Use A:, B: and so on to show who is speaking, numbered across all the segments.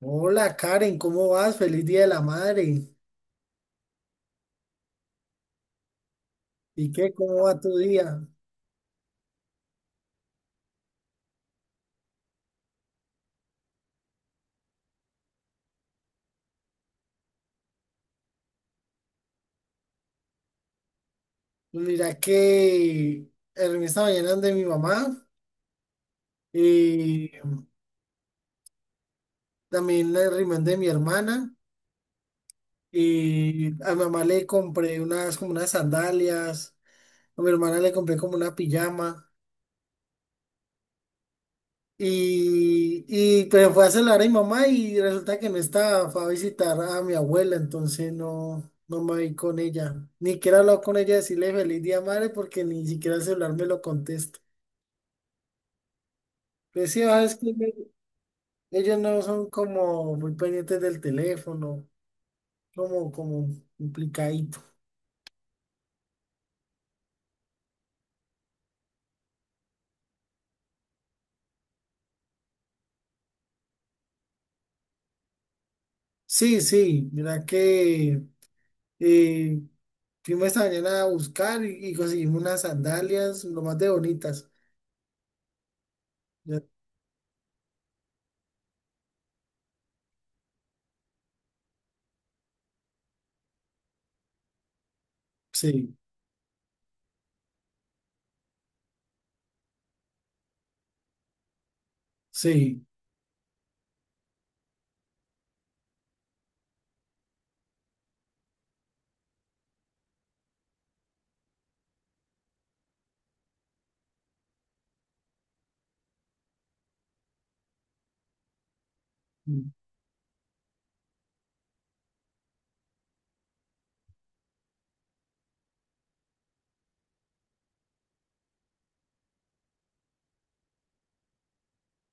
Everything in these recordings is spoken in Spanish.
A: Hola Karen, ¿cómo vas? Feliz Día de la Madre. ¿Y qué? ¿Cómo va tu día? Pues mira que en esta mañana de mi mamá y también la reunión de mi hermana, y a mi mamá le compré unas como unas sandalias, a mi hermana le compré como una pijama. Y pues fue a celular a mi mamá y resulta que no estaba, fue a visitar a mi abuela, entonces no, no me vi con ella. Ni siquiera he hablado con ella, decirle feliz día madre, porque ni siquiera el celular me lo contesta. Pues sí, ah, es que ellos no son como muy pendientes del teléfono, como, como complicadito. Sí, sí, mira que eh, fuimos esta mañana a buscar y conseguimos unas sandalias, lo más de bonitas. Ya- Sí, sí.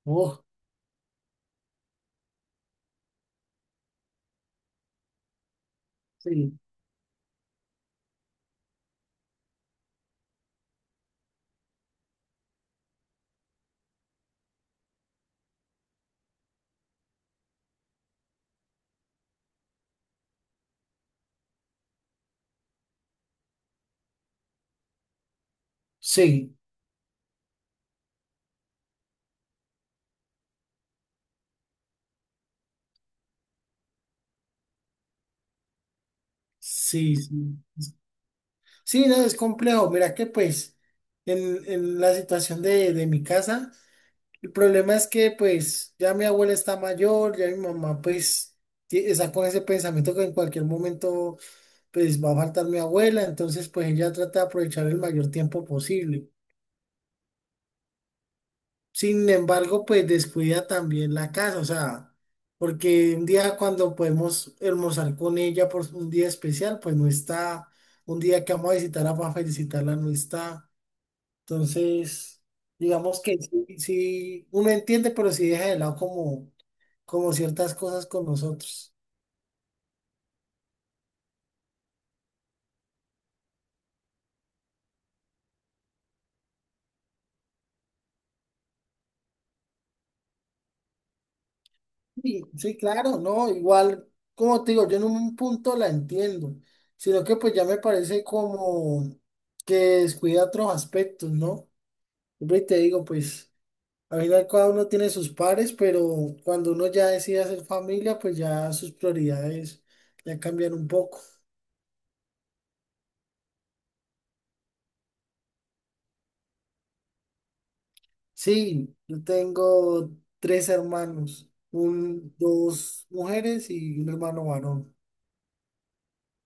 A: Oh, sí, sí, sí, sí. Sí, no, es complejo. Mira que pues en la situación de mi casa, el problema es que pues ya mi abuela está mayor, ya mi mamá pues ti- está con ese pensamiento que en cualquier momento pues va a faltar mi abuela, entonces pues ella trata de aprovechar el mayor tiempo posible. Sin embargo, pues descuida también la casa, o sea, porque un día cuando podemos almorzar con ella por un día especial, pues no está, un día que vamos a visitarla para felicitarla no está. Entonces, digamos que sí, sí, uno entiende, pero sí deja de lado como, como ciertas cosas con nosotros. Sí, sí, claro, no, igual, como te digo, yo en un punto la entiendo, sino que pues ya me parece como que descuida otros aspectos, ¿no? Siempre te digo, pues, al final cada uno tiene sus pares, pero cuando uno ya decide hacer familia, pues ya sus prioridades ya cambian un poco. Sí, yo tengo tres hermanos, un, dos mujeres y un hermano varón.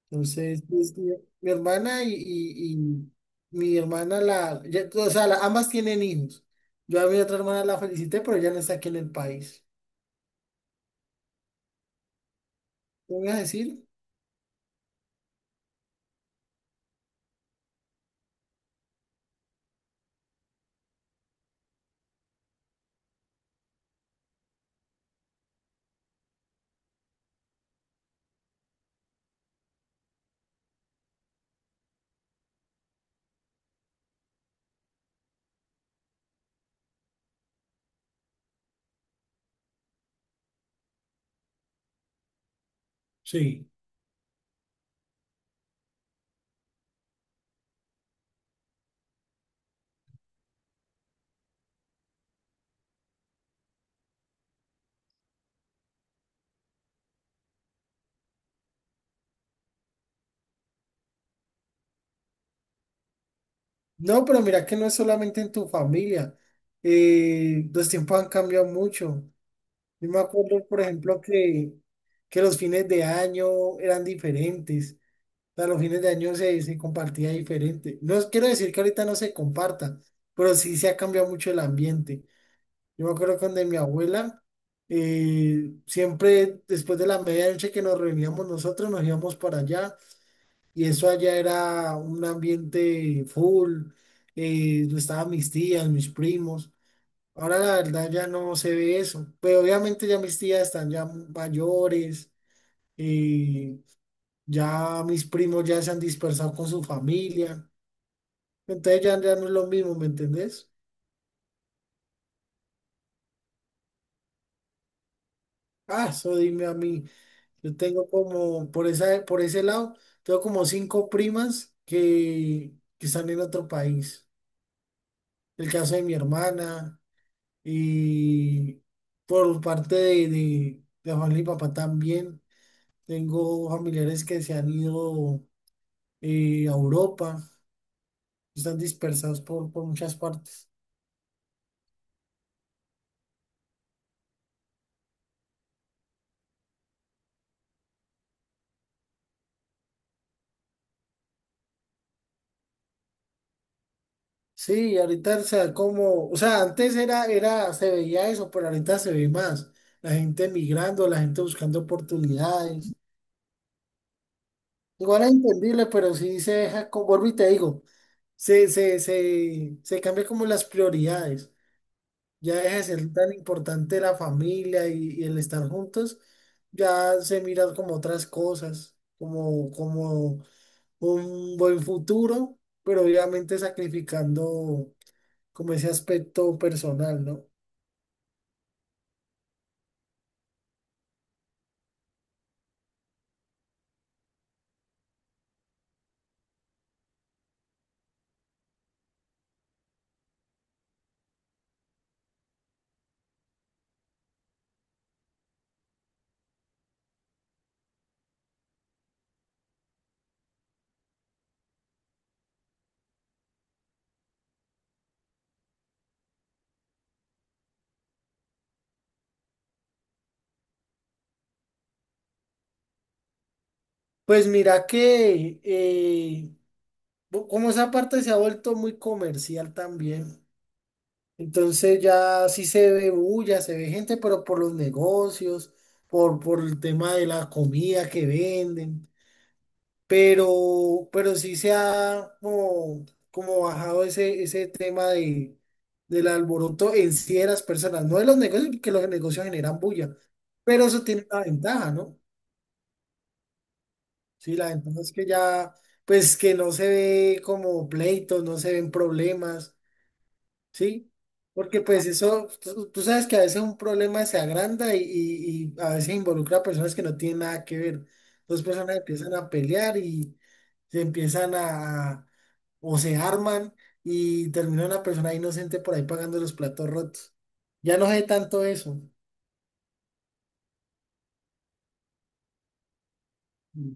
A: Entonces, pues, mi hermana y mi hermana, la, ya- o sea, la- ambas tienen hijos. Yo a mi otra hermana la felicité, pero ya no está aquí en el país. ¿Qué me ibas a decir? Sí. No, pero mira que no es solamente en tu familia. Los tiempos han cambiado mucho. Yo me acuerdo, por ejemplo, que los fines de año eran diferentes. O sea, los fines de año se compartía diferente. No es- quiero decir que ahorita no se comparta, pero sí se ha cambiado mucho el ambiente. Yo me acuerdo que donde mi abuela, siempre después de la medianoche que nos reuníamos nosotros, nos íbamos para allá y eso allá era un ambiente full, estaban mis tías, mis primos. Ahora la verdad ya no se ve eso, pero obviamente ya mis tías están ya mayores, eh, ya mis primos ya se han dispersado con su familia, entonces ya, ya no es lo mismo, ¿me entendés? Ah, eso dime a mí, yo tengo como, por esa, por ese lado, tengo como cinco primas que están en otro país. El caso de mi hermana. Y por parte de mamá y papá también, tengo familiares que se han ido a Europa, están dispersados por muchas partes. Sí, ahorita o sea, como, o sea, antes era, era, se veía eso, pero ahorita se ve más. La gente migrando, la gente buscando oportunidades. Igual es entendible, pero sí se deja, con, vuelvo y te digo, se cambia como las prioridades. Ya deja de ser tan importante la familia y el estar juntos, ya se miran como otras cosas, como, como un buen futuro, pero obviamente sacrificando como ese aspecto personal, ¿no? Pues mira que bu- como esa parte se ha vuelto muy comercial también, entonces ya sí se ve bulla, se ve gente, pero por los negocios, por el tema de la comida que venden. Pero sí se ha como, como bajado ese, ese tema de, del alboroto en sí de las personas, no de los negocios, porque los negocios generan bulla, pero eso tiene una ventaja, ¿no? Sí, la ventaja es que ya, pues que no se ve como pleitos, no se ven problemas. Sí, porque pues eso, tú sabes que a veces un problema se agranda y a veces involucra a personas que no tienen nada que ver. Dos personas empiezan a pelear y se empiezan a- o se arman y termina una persona inocente por ahí pagando los platos rotos. Ya no sé tanto eso. Mm.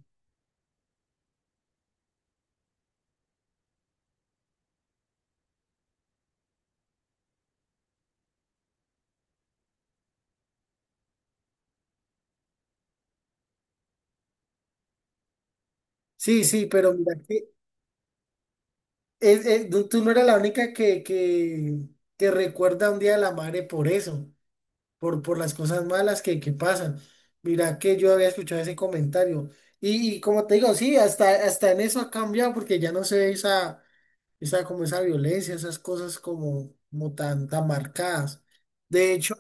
A: Sí, sí, pero mira que es- tú no eras la única que recuerda un día a la madre por eso. Por las cosas malas que pasan. Mira que yo había escuchado ese comentario. Y como te digo, sí, hasta, hasta en eso ha cambiado porque ya no se ve esa, esa, como esa violencia, esas cosas como, como tan, tan marcadas. De hecho,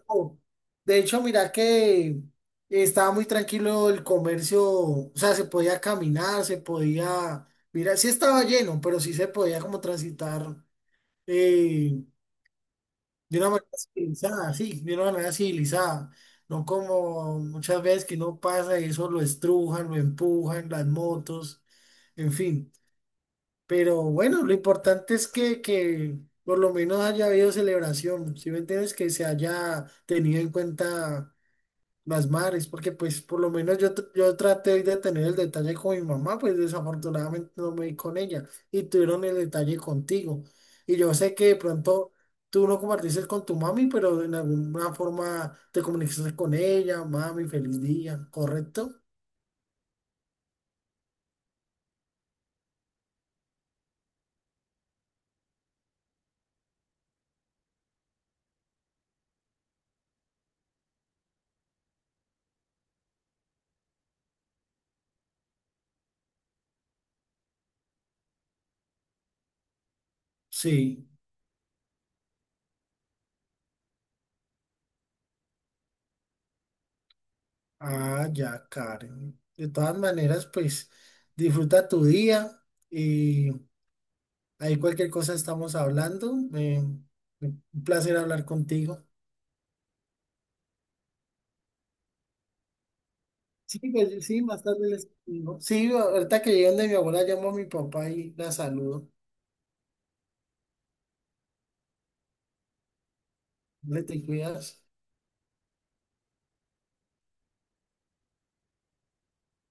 A: de hecho, mira que estaba muy tranquilo el comercio, o sea, se podía caminar, se podía, mira, sí estaba lleno, pero sí se podía como transitar. eh, de una manera civilizada, sí, de una manera civilizada, no como muchas veces que no pasa y eso, lo estrujan, lo empujan, las motos, en fin. Pero bueno, lo importante es que por lo menos haya habido celebración, si me entiendes, que se haya tenido en cuenta las madres, porque pues por lo menos yo, tr- yo traté de tener el detalle con mi mamá, pues desafortunadamente no me di con ella y tuvieron el detalle contigo. Y yo sé que de pronto tú no compartiste con tu mami, pero en alguna forma te comunicaste con ella, mami, feliz día, ¿correcto? Sí, ah, ya, Karen. De todas maneras, pues disfruta tu día y ahí cualquier cosa estamos hablando. Un placer hablar contigo. Sí, pues, sí, más tarde les digo. Sí, ahorita que llegan de mi abuela, llamo a mi papá y la saludo. Le te cuidas.